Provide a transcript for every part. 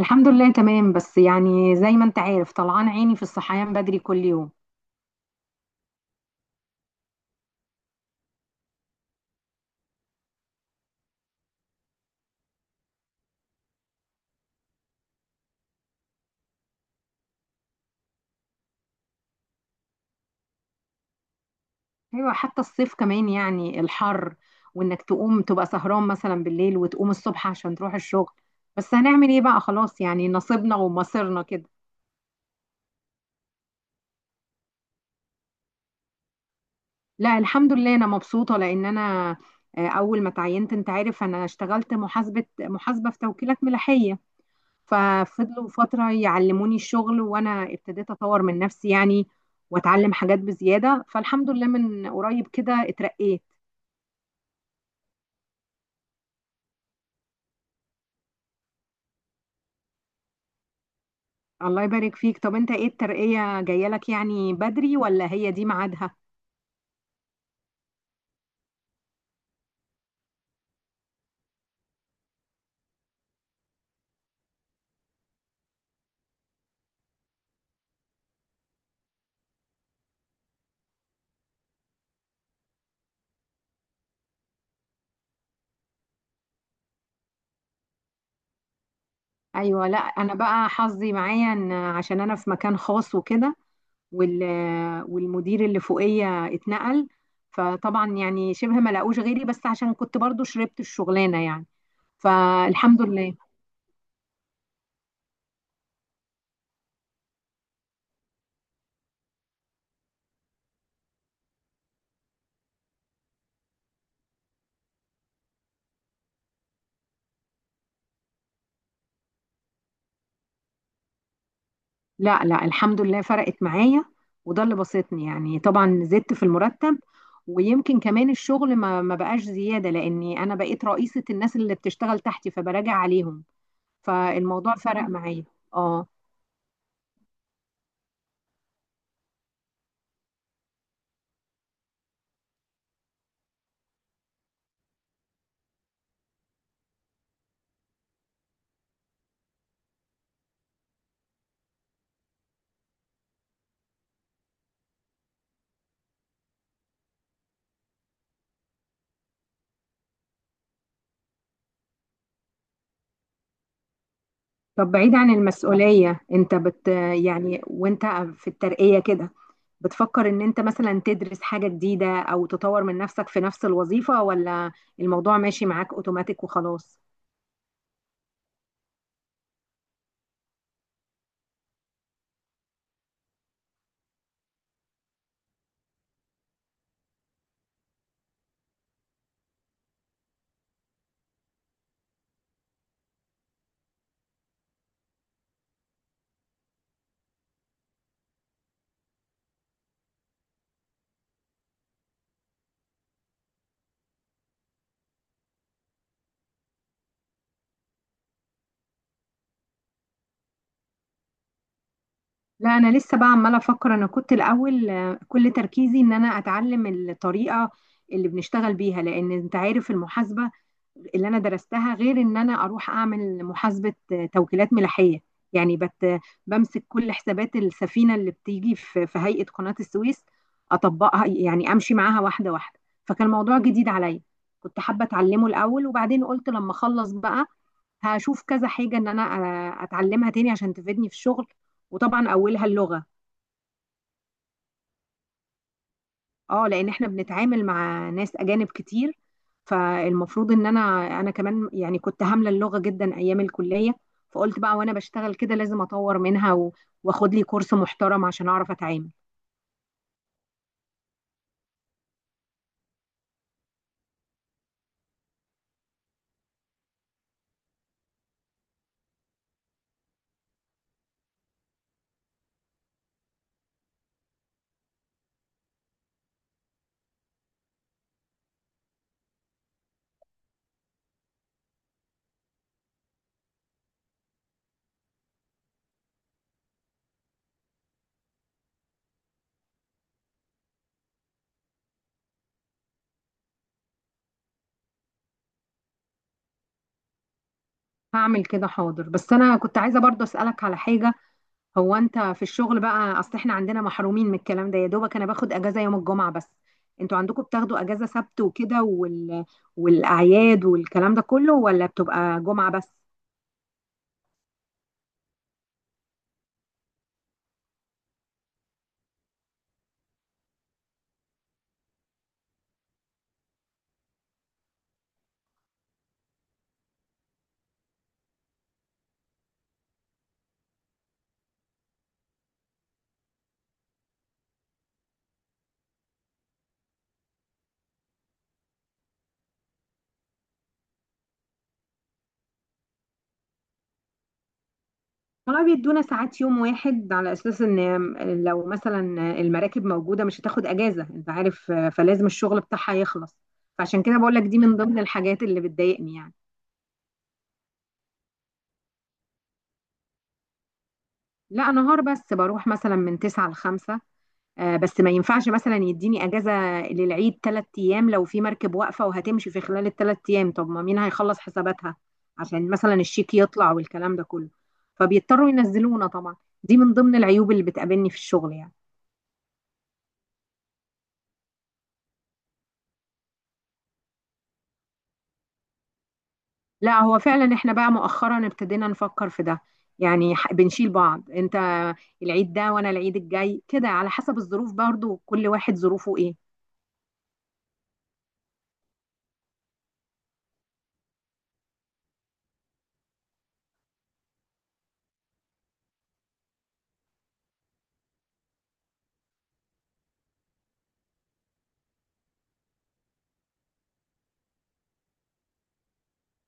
الحمد لله تمام، بس يعني زي ما انت عارف طلعان عيني في الصحيان بدري كل يوم. ايوه حتى الصيف كمان يعني الحر، وانك تقوم تبقى سهران مثلا بالليل وتقوم الصبح عشان تروح الشغل. بس هنعمل ايه بقى خلاص، يعني نصيبنا ومصيرنا كده. لا الحمد لله انا مبسوطة لان انا اول ما تعينت انت عارف انا اشتغلت محاسبة في توكيلات ملاحية. ففضلوا فترة يعلموني الشغل، وأنا ابتديت أطور من نفسي يعني وأتعلم حاجات بزيادة. فالحمد لله من قريب كده اترقيت. الله يبارك فيك. طب أنت إيه الترقية جاية لك يعني بدري ولا هي دي ميعادها؟ أيوة. لا أنا بقى حظي معايا إن عشان أنا في مكان خاص وكده، وال والمدير اللي فوقية اتنقل، فطبعا يعني شبه ما لقوش غيري، بس عشان كنت برضو شربت الشغلانة يعني. فالحمد لله. لا لا الحمد لله فرقت معايا، وده اللي بسطني يعني. طبعا زدت في المرتب، ويمكن كمان الشغل ما بقاش زيادة لأني أنا بقيت رئيسة الناس اللي بتشتغل تحتي فبراجع عليهم. فالموضوع فرق معايا. اه. طب بعيد عن المسؤولية انت يعني وانت في الترقية كده بتفكر ان انت مثلا تدرس حاجة جديدة او تطور من نفسك في نفس الوظيفة، ولا الموضوع ماشي معاك اوتوماتيك وخلاص؟ لا انا لسه بقى عماله افكر. انا كنت الاول كل تركيزي ان انا اتعلم الطريقه اللي بنشتغل بيها، لان انت عارف المحاسبه اللي انا درستها غير ان انا اروح اعمل محاسبه توكيلات ملاحيه. يعني بمسك كل حسابات السفينه اللي بتيجي في هيئه قناه السويس اطبقها، يعني امشي معاها واحده واحده. فكان الموضوع جديد عليا، كنت حابه اتعلمه الاول. وبعدين قلت لما اخلص بقى هشوف كذا حاجة ان انا اتعلمها تاني عشان تفيدني في الشغل. وطبعا اولها اللغة. اه لان احنا بنتعامل مع ناس اجانب كتير، فالمفروض ان انا، انا كمان يعني كنت هاملة اللغة جدا ايام الكلية. فقلت بقى وانا بشتغل كده لازم اطور منها واخد لي كورس محترم عشان اعرف اتعامل. هعمل كده حاضر. بس انا كنت عايزة برضه اسألك على حاجة. هو انت في الشغل بقى، اصل احنا عندنا محرومين من الكلام ده، يا دوبك انا باخد اجازه يوم الجمعه بس. انتوا عندكم بتاخدوا اجازه سبت وكده والاعياد والكلام ده كله، ولا بتبقى جمعه بس؟ طبعا بيدونا ساعات يوم واحد، على اساس ان لو مثلا المراكب موجوده مش هتاخد اجازه، انت عارف، فلازم الشغل بتاعها يخلص. فعشان كده بقول لك دي من ضمن الحاجات اللي بتضايقني يعني. لا نهار بس، بروح مثلا من 9 ل 5. بس ما ينفعش مثلا يديني اجازه للعيد ثلاث ايام لو في مركب واقفه وهتمشي في خلال الثلاث ايام. طب ما مين هيخلص حساباتها عشان مثلا الشيك يطلع والكلام ده كله؟ فبيضطروا ينزلونا طبعا. دي من ضمن العيوب اللي بتقابلني في الشغل يعني. لا هو فعلا احنا بقى مؤخرا ابتدينا نفكر في ده. يعني بنشيل بعض، انت العيد ده وانا العيد الجاي كده، على حسب الظروف برضو كل واحد ظروفه ايه.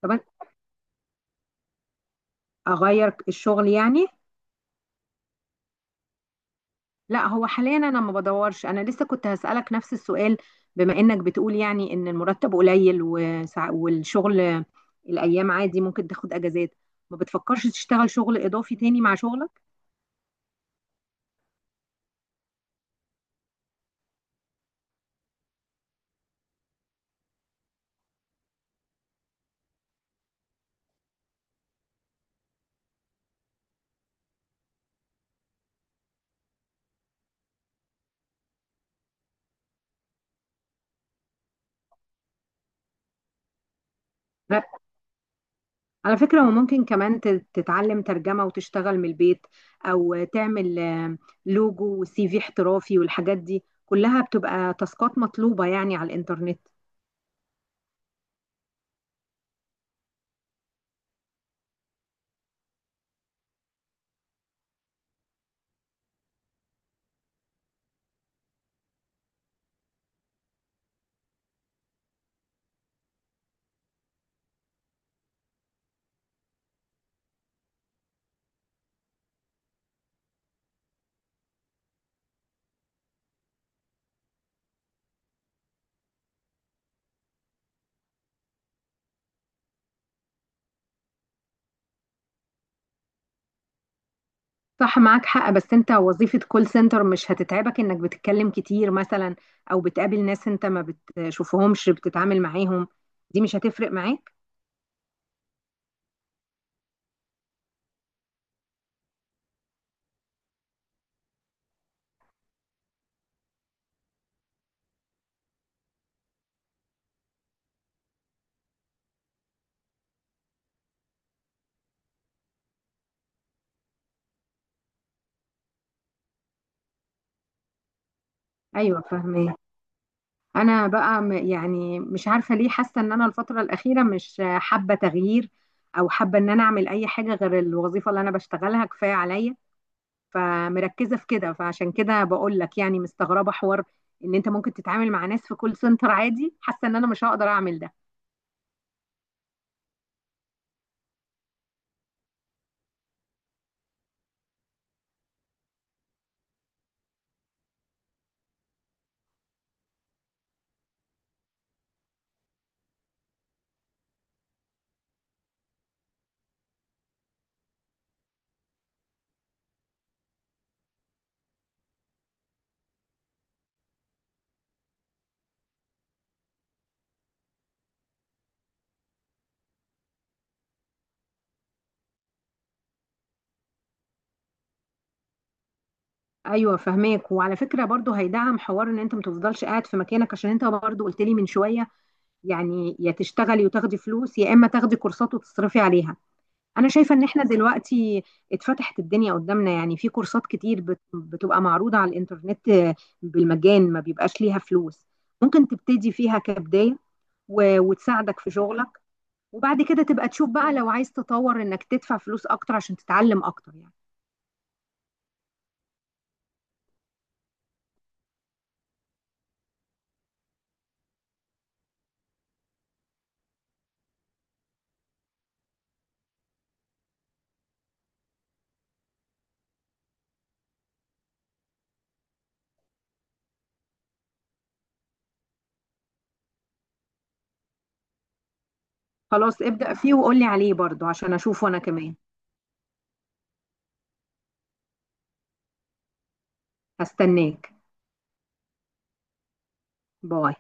طب أنا اغير الشغل يعني؟ لا هو حاليا انا ما بدورش. انا لسه كنت هسألك نفس السؤال، بما انك بتقول يعني ان المرتب قليل والشغل الايام عادي ممكن تاخد اجازات، ما بتفكرش تشتغل شغل اضافي تاني مع شغلك؟ لا، على فكرة وممكن كمان تتعلم ترجمة وتشتغل من البيت، او تعمل لوجو وسي في احترافي، والحاجات دي كلها بتبقى تاسكات مطلوبة يعني على الانترنت. صح معاك حق. بس انت وظيفة كول سنتر مش هتتعبك انك بتتكلم كتير مثلا، او بتقابل ناس انت ما بتشوفهمش بتتعامل معاهم؟ دي مش هتفرق معاك؟ ايوه فاهمه. انا بقى يعني مش عارفة ليه حاسة ان انا الفترة الأخيرة مش حابة تغيير، او حابة ان انا اعمل اي حاجة غير الوظيفة اللي انا بشتغلها. كفاية عليا فمركزة في كده. فعشان كده بقول لك يعني مستغربة حوار ان انت ممكن تتعامل مع ناس في كول سنتر عادي. حاسة ان انا مش هقدر اعمل ده. ايوه فهماك. وعلى فكره برضو هيدعم حوار ان انت ما تفضلش قاعد في مكانك، عشان انت برضو قلت لي من شويه يعني يا تشتغلي وتاخدي فلوس يا اما تاخدي كورسات وتصرفي عليها. انا شايفه ان احنا دلوقتي اتفتحت الدنيا قدامنا، يعني في كورسات كتير بتبقى معروضه على الانترنت بالمجان، ما بيبقاش ليها فلوس. ممكن تبتدي فيها كبدايه وتساعدك في شغلك. وبعد كده تبقى تشوف بقى لو عايز تطور انك تدفع فلوس اكتر عشان تتعلم اكتر يعني. خلاص ابدأ فيه وقولي عليه برضو عشان اشوفه انا كمان. هستناك. باي.